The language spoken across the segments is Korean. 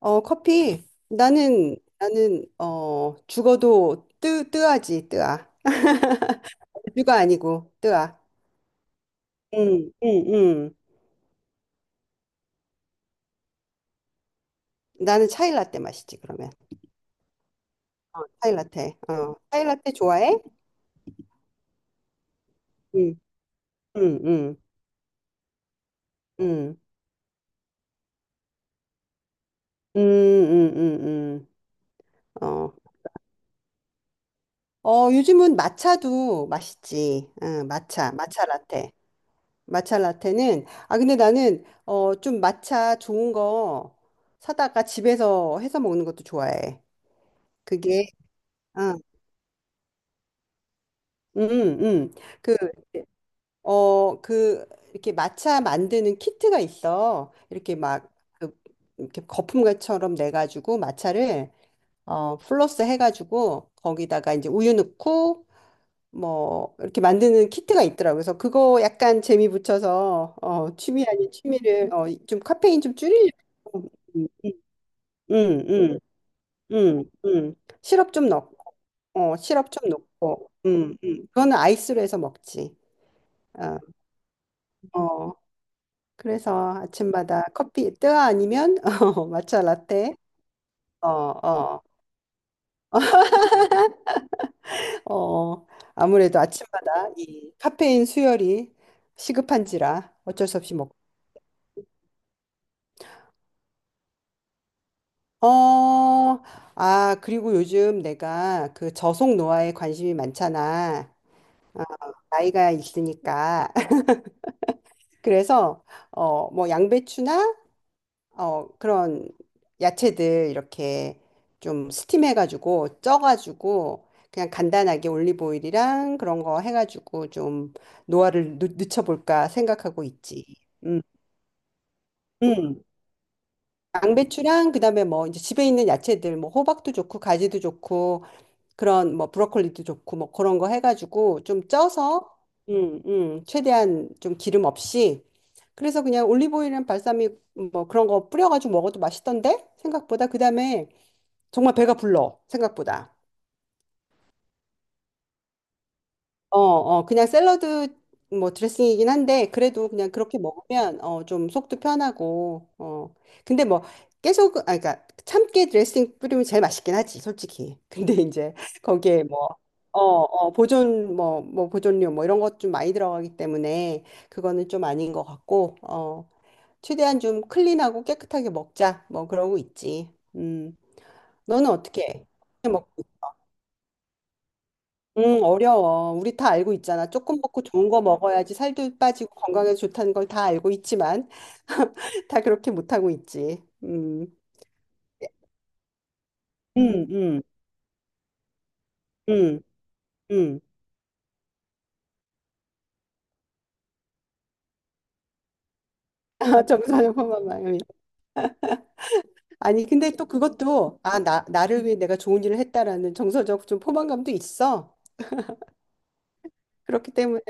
어, 커피. 나는, 죽어도 뜨아. 죽가 아니고, 뜨아. 응, 응, 응. 나는 차일라떼 마시지, 그러면. 차일라떼. 차일라떼 좋아해? 응, 응, 응, 응. 응, 응, 응, 응. 어. 요즘은 마차도 맛있지. 응, 마차 라떼. 마차 라떼는, 근데 나는, 좀 마차 좋은 거 사다가 집에서 해서 먹는 것도 좋아해. 그게 아, 음, 음. 그, 그 이렇게 마차 만드는 키트가 있어. 이렇게 막, 이렇게 거품과처럼 내 가지고 마차를 플러스 해 가지고 거기다가 이제 우유 넣고 뭐 이렇게 만드는 키트가 있더라고. 그래서 그거 약간 재미 붙여서, 취미 아닌 취미를, 좀 카페인 좀 줄이려고. 음, 음, 음. 음, 음. 시럽 좀 넣고. 시럽 좀 넣고, 그거는 아이스로 해서 먹지. 어, 어. 그래서 아침마다 커피 뜨아 아니면 마차 라떼. 어, 어, 어. 아무래도 아침마다 이 카페인 수혈이 시급한지라 어쩔 수 없이 먹고. 어, 그리고 요즘 내가 그 저속 노화에 관심이 많잖아. 나이가 있으니까. 그래서, 뭐 양배추나, 그런 야채들 이렇게 좀 스팀해가지고 쪄가지고 그냥 간단하게 올리브 오일이랑 그런 거 해가지고 좀 노화를, 늦춰볼까 생각하고 있지. 음, 음. 양배추랑 그다음에 뭐 이제 집에 있는 야채들 뭐 호박도 좋고 가지도 좋고 그런 뭐 브로콜리도 좋고 뭐 그런 거 해가지고 좀 쪄서, 최대한 좀 기름 없이 그래서 그냥 올리브오일이랑 발사믹 뭐 그런 거 뿌려가지고 먹어도 맛있던데. 생각보다 그다음에 정말 배가 불러, 생각보다. 그냥 샐러드 뭐 드레싱이긴 한데 그래도 그냥 그렇게 먹으면, 좀 속도 편하고. 근데 뭐 계속, 그러니까 참깨 드레싱 뿌리면 제일 맛있긴 하지 솔직히. 근데 이제 거기에, 뭐, 보존료, 뭐, 이런 것 좀 많이 들어가기 때문에, 그거는 좀 아닌 것 같고. 최대한 좀 클린하고 깨끗하게 먹자, 뭐, 그러고 있지. 음, 너는 어떻게 해? 어떻게 먹고? 응, 어려워. 우리 다 알고 있잖아. 조금 먹고 좋은 거 먹어야지 살도 빠지고 건강에 좋다는 걸 다 알고 있지만, 다 그렇게 못하고 있지. 음, 음, 음, 음. 점수하는 만. 아니, 근데 또 그것도, 나를 위해 내가 좋은 일을 했다라는 정서적 좀 포만감도 있어. 그렇기 때문에,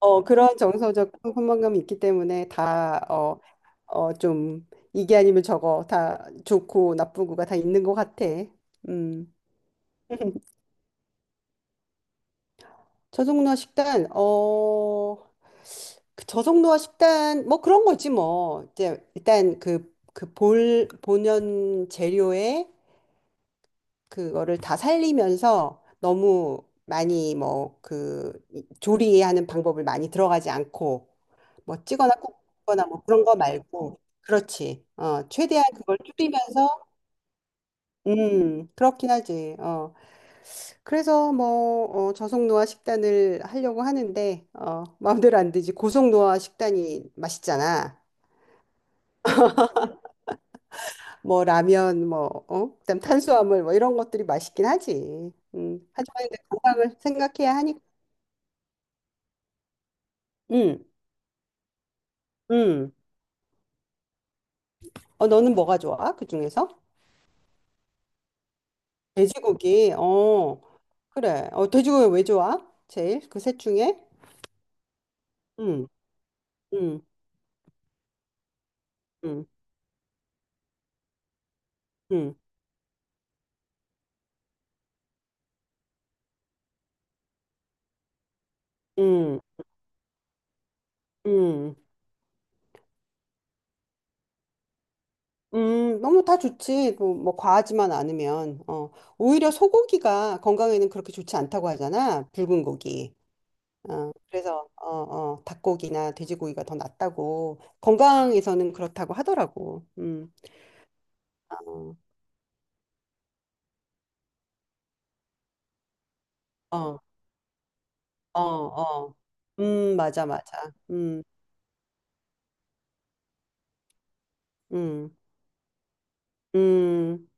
그런 정서적 포만감이 있기 때문에 다, 좀, 이게 아니면 저거 다 좋고 나쁘고가 다 있는 것 같아. 음. 저속노화 식단. 그 저속노화 식단, 뭐 그런 거지 뭐. 이제 일단 그, 본연 재료에 그거를 다 살리면서 너무 많이 뭐 그 조리하는 방법을 많이 들어가지 않고 뭐 찌거나 굽거나 뭐 그런 거 말고, 그렇지. 최대한 그걸 줄이면서. 그렇긴 하지. 어. 그래서 뭐, 저속노화 식단을 하려고 하는데, 마음대로 안 되지. 고속노화 식단이 맛있잖아. 뭐 라면 뭐 어? 그다음 탄수화물 뭐 이런 것들이 맛있긴 하지. 음. 하지만 이제 건강을 생각해야 하니까. 음. 음. 너는 뭐가 좋아? 그 중에서? 돼지고기. 어, 그래. 돼지고기 왜 좋아? 제일 그 셋 중에? 음, 음, 음, 음, 음, 음, 너무 다 좋지. 뭐 과하지만 않으면. 오히려 소고기가 건강에는 그렇게 좋지 않다고 하잖아. 붉은 고기. 그래서, 닭고기나 돼지고기가 더 낫다고 건강에서는 그렇다고 하더라고. 음. 어, 어, 어. 어. 맞아, 맞아. 음. 음, 음,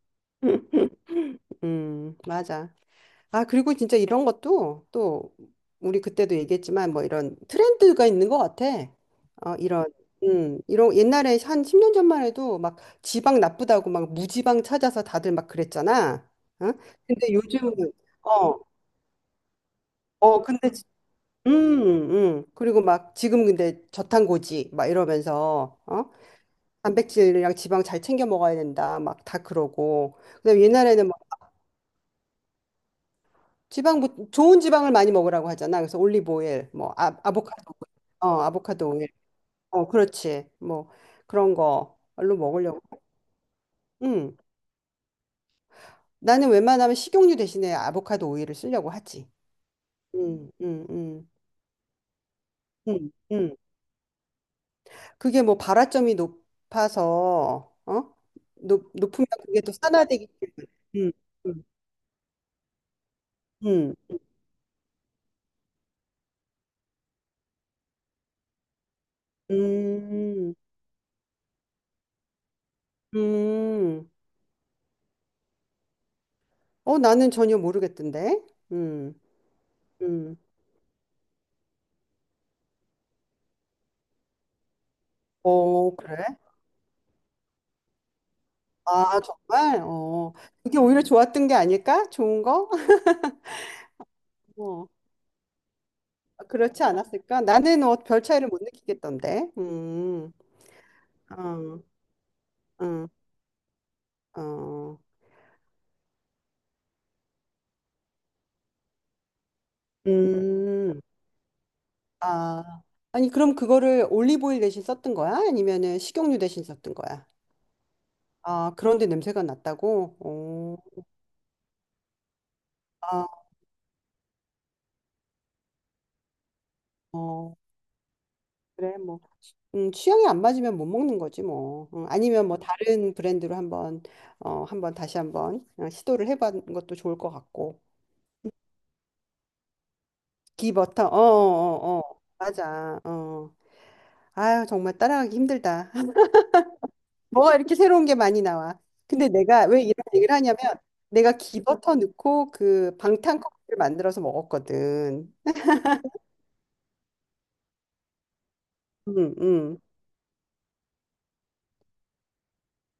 맞아. 그리고 진짜 이런 것도 또 우리 그때도 얘기했지만 뭐 이런 트렌드가 있는 것 같아. 어, 이런, 이런 옛날에 한 10년 전만 해도 막 지방 나쁘다고 막 무지방 찾아서 다들 막 그랬잖아. 어? 근데 요즘은, 어, 어, 근데, 지- 음, 그리고 막 지금 근데 저탄고지 막 이러면서, 어? 단백질이랑 지방 잘 챙겨 먹어야 된다. 막 다 그러고. 그다음에 옛날에는 지방, 좋은 지방을 많이 먹으라고 하잖아. 그래서 올리브 오일, 뭐, 아보카도, 오일. 아보카도 오일. 그렇지, 뭐 그런 걸로 먹으려고. 음, 나는 웬만하면 식용유 대신에 아보카도 오일을 쓰려고 하지. 음, 음, 음, 음, 음. 그게 뭐 발화점이 높아서, 높으면 그게 또 산화되기. 음, 음, 음, 음, 음. 나는 전혀 모르겠던데. 음, 음. 어 그래? 아, 정말? 어. 그게 오히려 좋았던 게 아닐까? 좋은 거? 어. 그렇지 않았을까? 나는, 별 차이를 못 느끼겠던데. 음. 어. 음. 어. 음. 아. 아니, 그럼 그거를 올리브오일 대신 썼던 거야? 아니면은 식용유 대신 썼던 거야? 아, 그런데 냄새가 났다고? 오. 아, 어. 그래, 뭐. 취향이 안 맞으면 못 먹는 거지, 뭐. 아니면 뭐 다른 브랜드로 한번 다시 한번, 시도를 해보는 것도 좋을 것 같고. 기버터. 어, 어, 어. 맞아. 어. 아유, 정말 따라가기 힘들다. 뭐가 이렇게 새로운 게 많이 나와. 근데 내가 왜 이런 얘기를 하냐면, 내가 기버터 넣고 그 방탄 커피를 만들어서 먹었거든. 응, 응.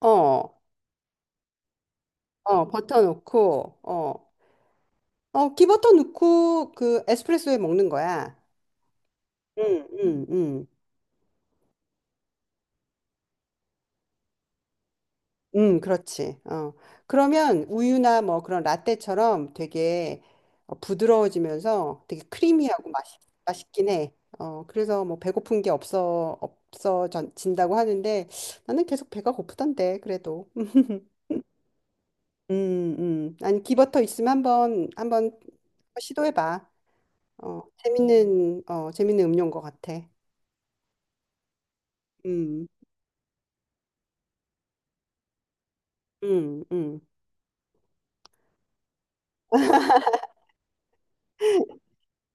어, 버터 넣고. 기버터 넣고 그 에스프레소에 먹는 거야. 응, 응, 응. 그렇지. 어. 그러면 우유나 뭐 그런 라떼처럼 되게, 부드러워지면서 되게 크리미하고, 맛있긴 해. 그래서 뭐 배고픈 게, 없어진다고 하는데 나는 계속 배가 고프던데, 그래도. 아니, 기버터 있으면 한번 시도해봐. 재밌는 음료인 것 같아. 음, 음, 음.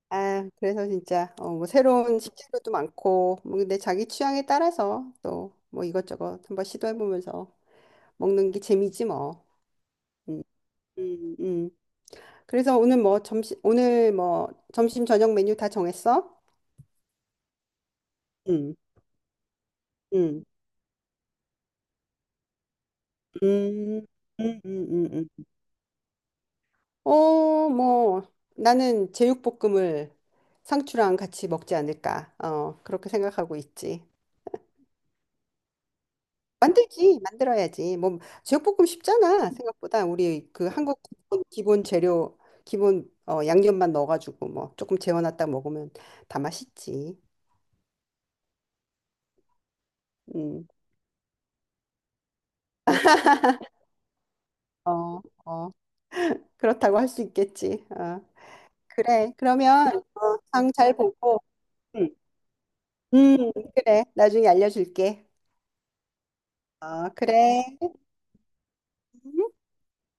그래서 진짜, 뭐 새로운 식재료도 많고 뭐 근데 자기 취향에 따라서 또 뭐 이것저것 한번 시도해보면서 먹는 게 재미지 뭐. 음, 음, 음. 그래서 오늘 뭐 점심 저녁 메뉴 다 정했어? 음, 음, 음, 음. 뭐 나는 제육볶음을 상추랑 같이 먹지 않을까. 그렇게 생각하고 있지. 만들지, 만들어야지. 뭐 제육볶음 쉽잖아. 생각보다 우리 그 한국 기본, 기본 재료, 기본, 양념만 넣어가지고 뭐 조금 재워놨다 먹으면 다 맛있지. 음, 어, 어, 그렇다고 할 수 있겠지. 어, 그래. 그러면, 장 잘 보고, 응, 그래. 나중에 알려줄게. 어, 그래.